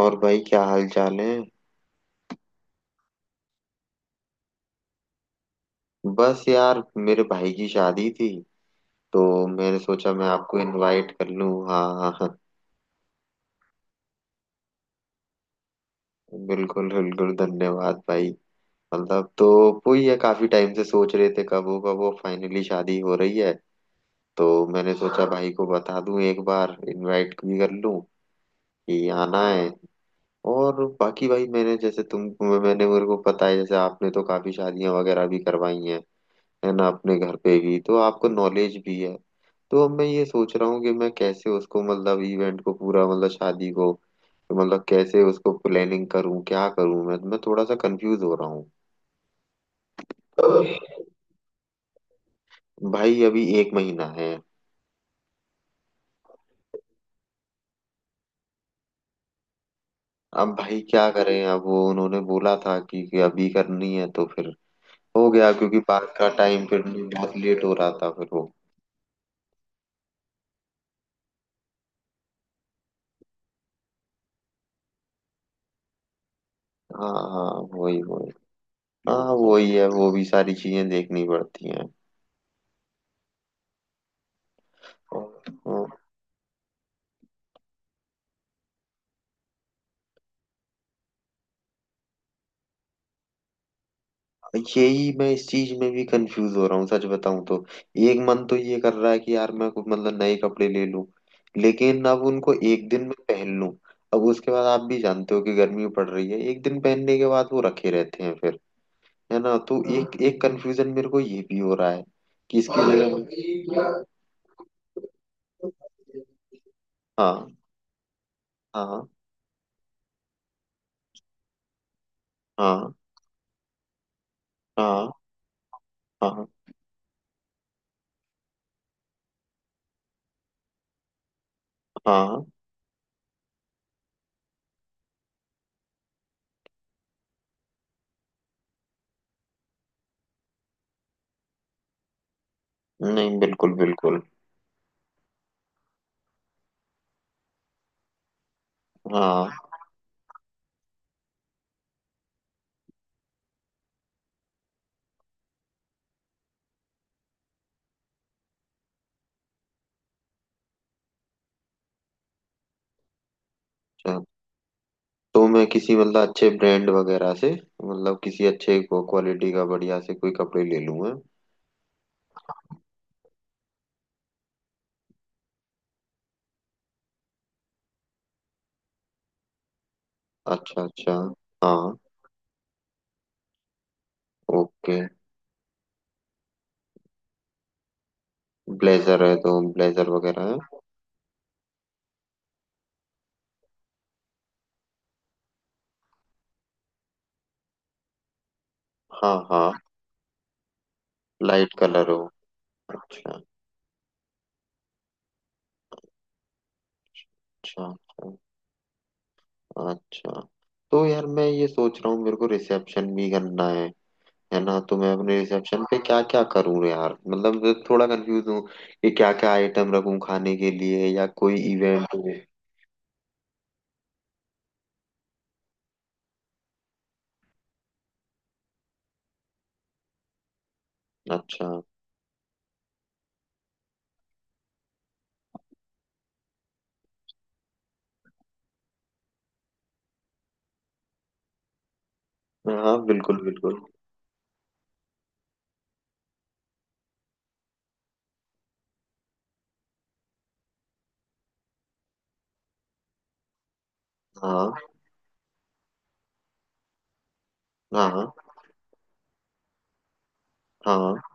और भाई, क्या हाल चाल है? बस यार, मेरे भाई की शादी थी तो मैंने सोचा मैं आपको इनवाइट कर लूं। हाँ हाँ हाँ, बिल्कुल बिल्कुल, धन्यवाद भाई। मतलब तो वही है, काफी टाइम से सोच रहे थे कब होगा, वो फाइनली शादी हो रही है। तो मैंने सोचा भाई को बता दूं, एक बार इनवाइट भी कर लूं कि आना है। और बाकी भाई, मैंने जैसे तुम मैंने मेरे को पता है, जैसे आपने तो काफी शादियां वगैरह भी करवाई हैं, है ना, अपने घर पे भी, तो आपको नॉलेज भी है। तो अब मैं ये सोच रहा हूँ कि मैं कैसे उसको, मतलब इवेंट को पूरा, मतलब शादी को, मतलब कैसे उसको प्लानिंग करूँ, क्या करूँ, मैं थोड़ा सा कंफ्यूज हो रहा हूँ। भाई, अभी एक महीना है। अब भाई क्या करें, अब वो उन्होंने बोला था कि अभी करनी है, तो फिर हो गया, क्योंकि बात का टाइम फिर बहुत लेट हो रहा था, फिर वो। हाँ, हाँ वही वही, हाँ वही है, वो भी सारी चीजें देखनी पड़ती हैं। हाँ। यही मैं इस चीज में भी कंफ्यूज हो रहा हूँ, सच बताऊं तो। एक मन तो ये कर रहा है कि यार मैं कुछ मतलब नए कपड़े ले लूं, लेकिन अब उनको एक दिन में पहन लूं। अब उसके बाद आप भी जानते हो कि गर्मी पड़ रही है, एक दिन पहनने के बाद वो रखे रहते हैं फिर, है ना। तो एक एक कंफ्यूजन मेरे को ये भी हो रहा है कि इसकी जगह हाँ हाँ हाँ, हाँ हाँ हाँ, नहीं बिल्कुल बिल्कुल, हाँ। अच्छा। तो मैं किसी मतलब अच्छे ब्रांड वगैरह से, मतलब किसी अच्छे क्वालिटी का बढ़िया से कोई कपड़े ले लूँ मैं। अच्छा अच्छा, हाँ, ओके। ब्लेजर है, तो ब्लेजर वगैरह है। हाँ हाँ, लाइट कलर हो। अच्छा अच्छा अच्छा अच्छा। तो यार मैं ये सोच रहा हूँ, मेरे को रिसेप्शन भी करना है ना। तो मैं अपने रिसेप्शन पे क्या क्या करूँ यार, मतलब थोड़ा कंफ्यूज हूँ कि क्या क्या आइटम रखूँ खाने के लिए, या कोई इवेंट हो। अच्छा, हाँ बिल्कुल बिल्कुल, हाँ हाँ हाँ हाँ हाँ।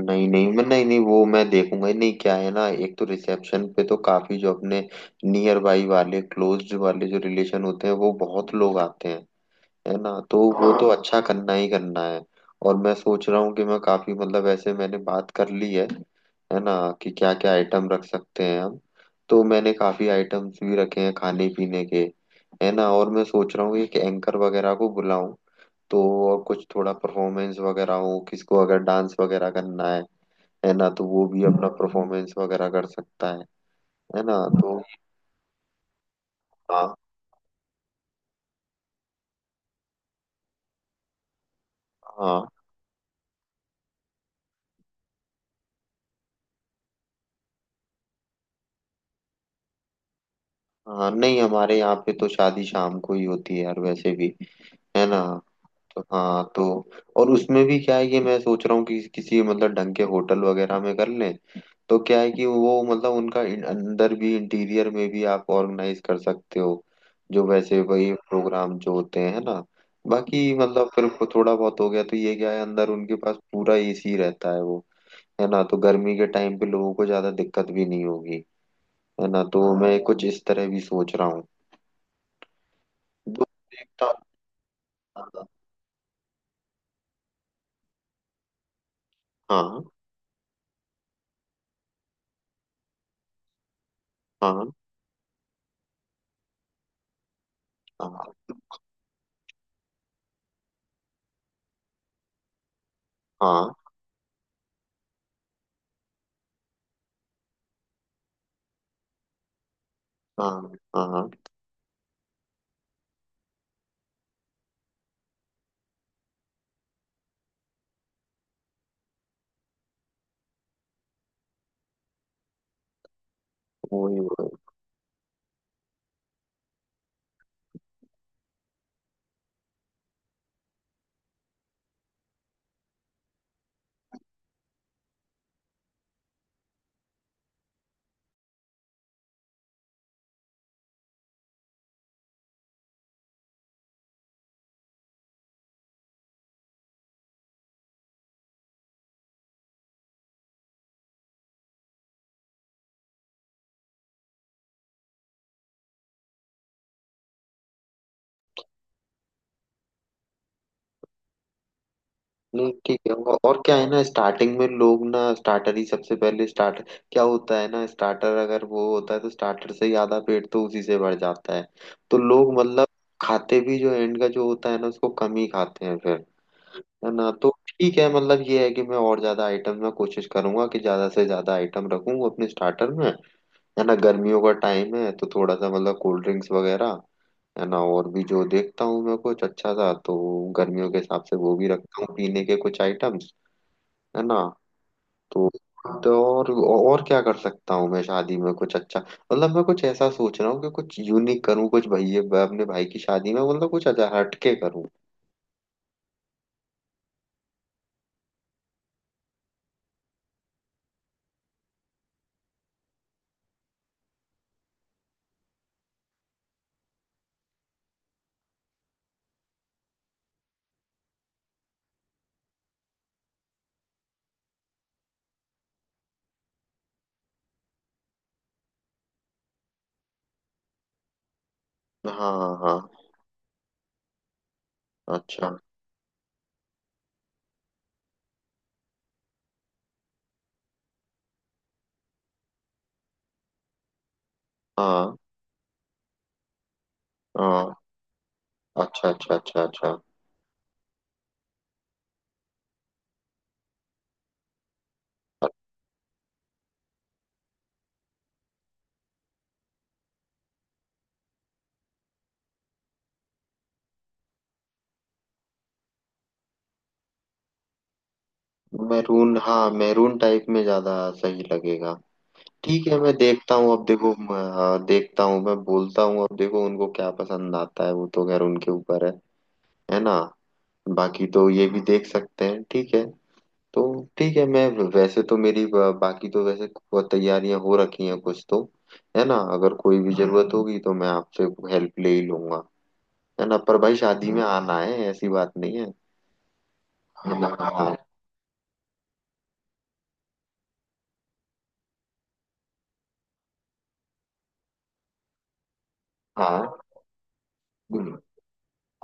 नहीं नहीं, मैं, नहीं नहीं, वो मैं देखूंगा ही नहीं, क्या है ना, एक तो रिसेप्शन पे तो काफी जो अपने नियर बाई वाले, क्लोज्ड वाले जो रिलेशन होते हैं, वो बहुत लोग आते हैं, है ना। तो वो तो अच्छा करना ही करना है। और मैं सोच रहा हूँ कि मैं काफी मतलब ऐसे मैंने बात कर ली है ना, कि क्या क्या आइटम रख सकते हैं हम। तो मैंने काफी आइटम्स भी रखे हैं खाने पीने के, है ना। और मैं सोच रहा हूँ एक एंकर वगैरह को बुलाऊं। तो और कुछ थोड़ा परफॉर्मेंस वगैरह हो, किसको अगर डांस वगैरह करना है ना, तो वो भी अपना परफॉर्मेंस वगैरह कर सकता है ना। तो हाँ हाँ हाँ, नहीं हमारे यहाँ पे तो शादी शाम को ही होती है यार, वैसे भी, है ना। तो हाँ, तो और उसमें भी क्या है, ये मैं सोच रहा हूँ कि किसी मतलब ढंग के होटल वगैरह में कर लें। तो क्या है कि वो मतलब उनका अंदर भी, इंटीरियर में भी आप ऑर्गेनाइज कर सकते हो, जो वैसे वही प्रोग्राम जो होते हैं ना। बाकी मतलब फिर को थोड़ा बहुत हो गया तो ये क्या है, अंदर उनके पास पूरा एसी रहता है वो, है ना। तो गर्मी के टाइम पे लोगों को ज्यादा दिक्कत भी नहीं होगी, है ना। तो मैं कुछ इस तरह भी सोच रहा हूँ। दो देखता हूँ। हाँ हाँ हाँ, हाँ हाँ हाँ, हाँ वही। नहीं ठीक है, और क्या है ना, स्टार्टिंग में लोग ना स्टार्टर ही सबसे पहले स्टार्ट, क्या होता है ना, स्टार्टर अगर वो होता है तो स्टार्टर से ही आधा पेट तो उसी से भर जाता है। तो लोग मतलब खाते भी जो एंड का जो होता है ना उसको कम ही खाते हैं फिर, है ना। तो ठीक है, मतलब ये है कि मैं और ज्यादा आइटम में कोशिश करूंगा कि ज्यादा से ज्यादा आइटम रखूं अपने स्टार्टर में, है ना। गर्मियों का टाइम है तो थोड़ा सा मतलब कोल्ड ड्रिंक्स वगैरह, है ना। और भी जो देखता हूँ मैं कुछ अच्छा सा तो गर्मियों के हिसाब से वो भी रखता हूँ पीने के कुछ आइटम, है ना। तो तो और क्या कर सकता हूँ मैं शादी में कुछ अच्छा, मतलब मैं कुछ ऐसा सोच रहा हूँ कि कुछ यूनिक करूँ, कुछ भैया अपने भाई की शादी में मतलब कुछ अच्छा हटके करूँ। हाँ हाँ, अच्छा, हाँ हाँ, अच्छा अच्छा अच्छा अच्छा। मैरून, हाँ, मैरून टाइप में ज्यादा सही लगेगा। ठीक है, मैं देखता हूँ, अब देखो मैं, हाँ, देखता हूँ, मैं बोलता हूँ, अब देखो उनको क्या पसंद आता है, वो तो खैर उनके ऊपर है ना। बाकी तो ये भी देख सकते हैं, ठीक है। तो ठीक है, मैं वैसे तो मेरी बाकी तो वैसे तैयारियां हो रखी हैं कुछ तो, है ना। अगर कोई भी जरूरत होगी तो मैं आपसे हेल्प ले ही लूंगा, है ना। पर भाई शादी में आना है, ऐसी बात नहीं है, है ना। हाँ हाँ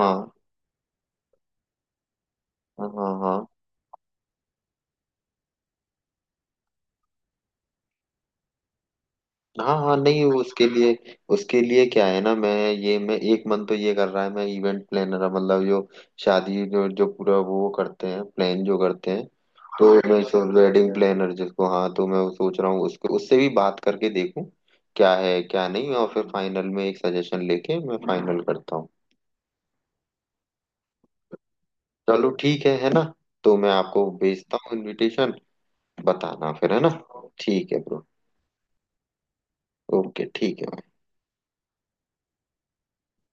हाँ, हाँ हाँ हाँ हाँ हाँ, नहीं उसके लिए, उसके लिए क्या है ना, मैं एक मन तो ये कर रहा है, मैं इवेंट प्लानर, मतलब जो शादी जो जो पूरा वो करते हैं, प्लान जो करते हैं, तो मैं सोच वेडिंग प्लानर जिसको, हाँ, तो मैं वो सोच रहा हूँ उसको, उससे भी बात करके देखूँ क्या है क्या नहीं, और फिर फाइनल में एक सजेशन लेके मैं फाइनल करता हूँ। चलो ठीक है ना। तो मैं आपको भेजता हूँ इनविटेशन, बताना फिर, है ना। ठीक है ब्रो, ओके ठीक है।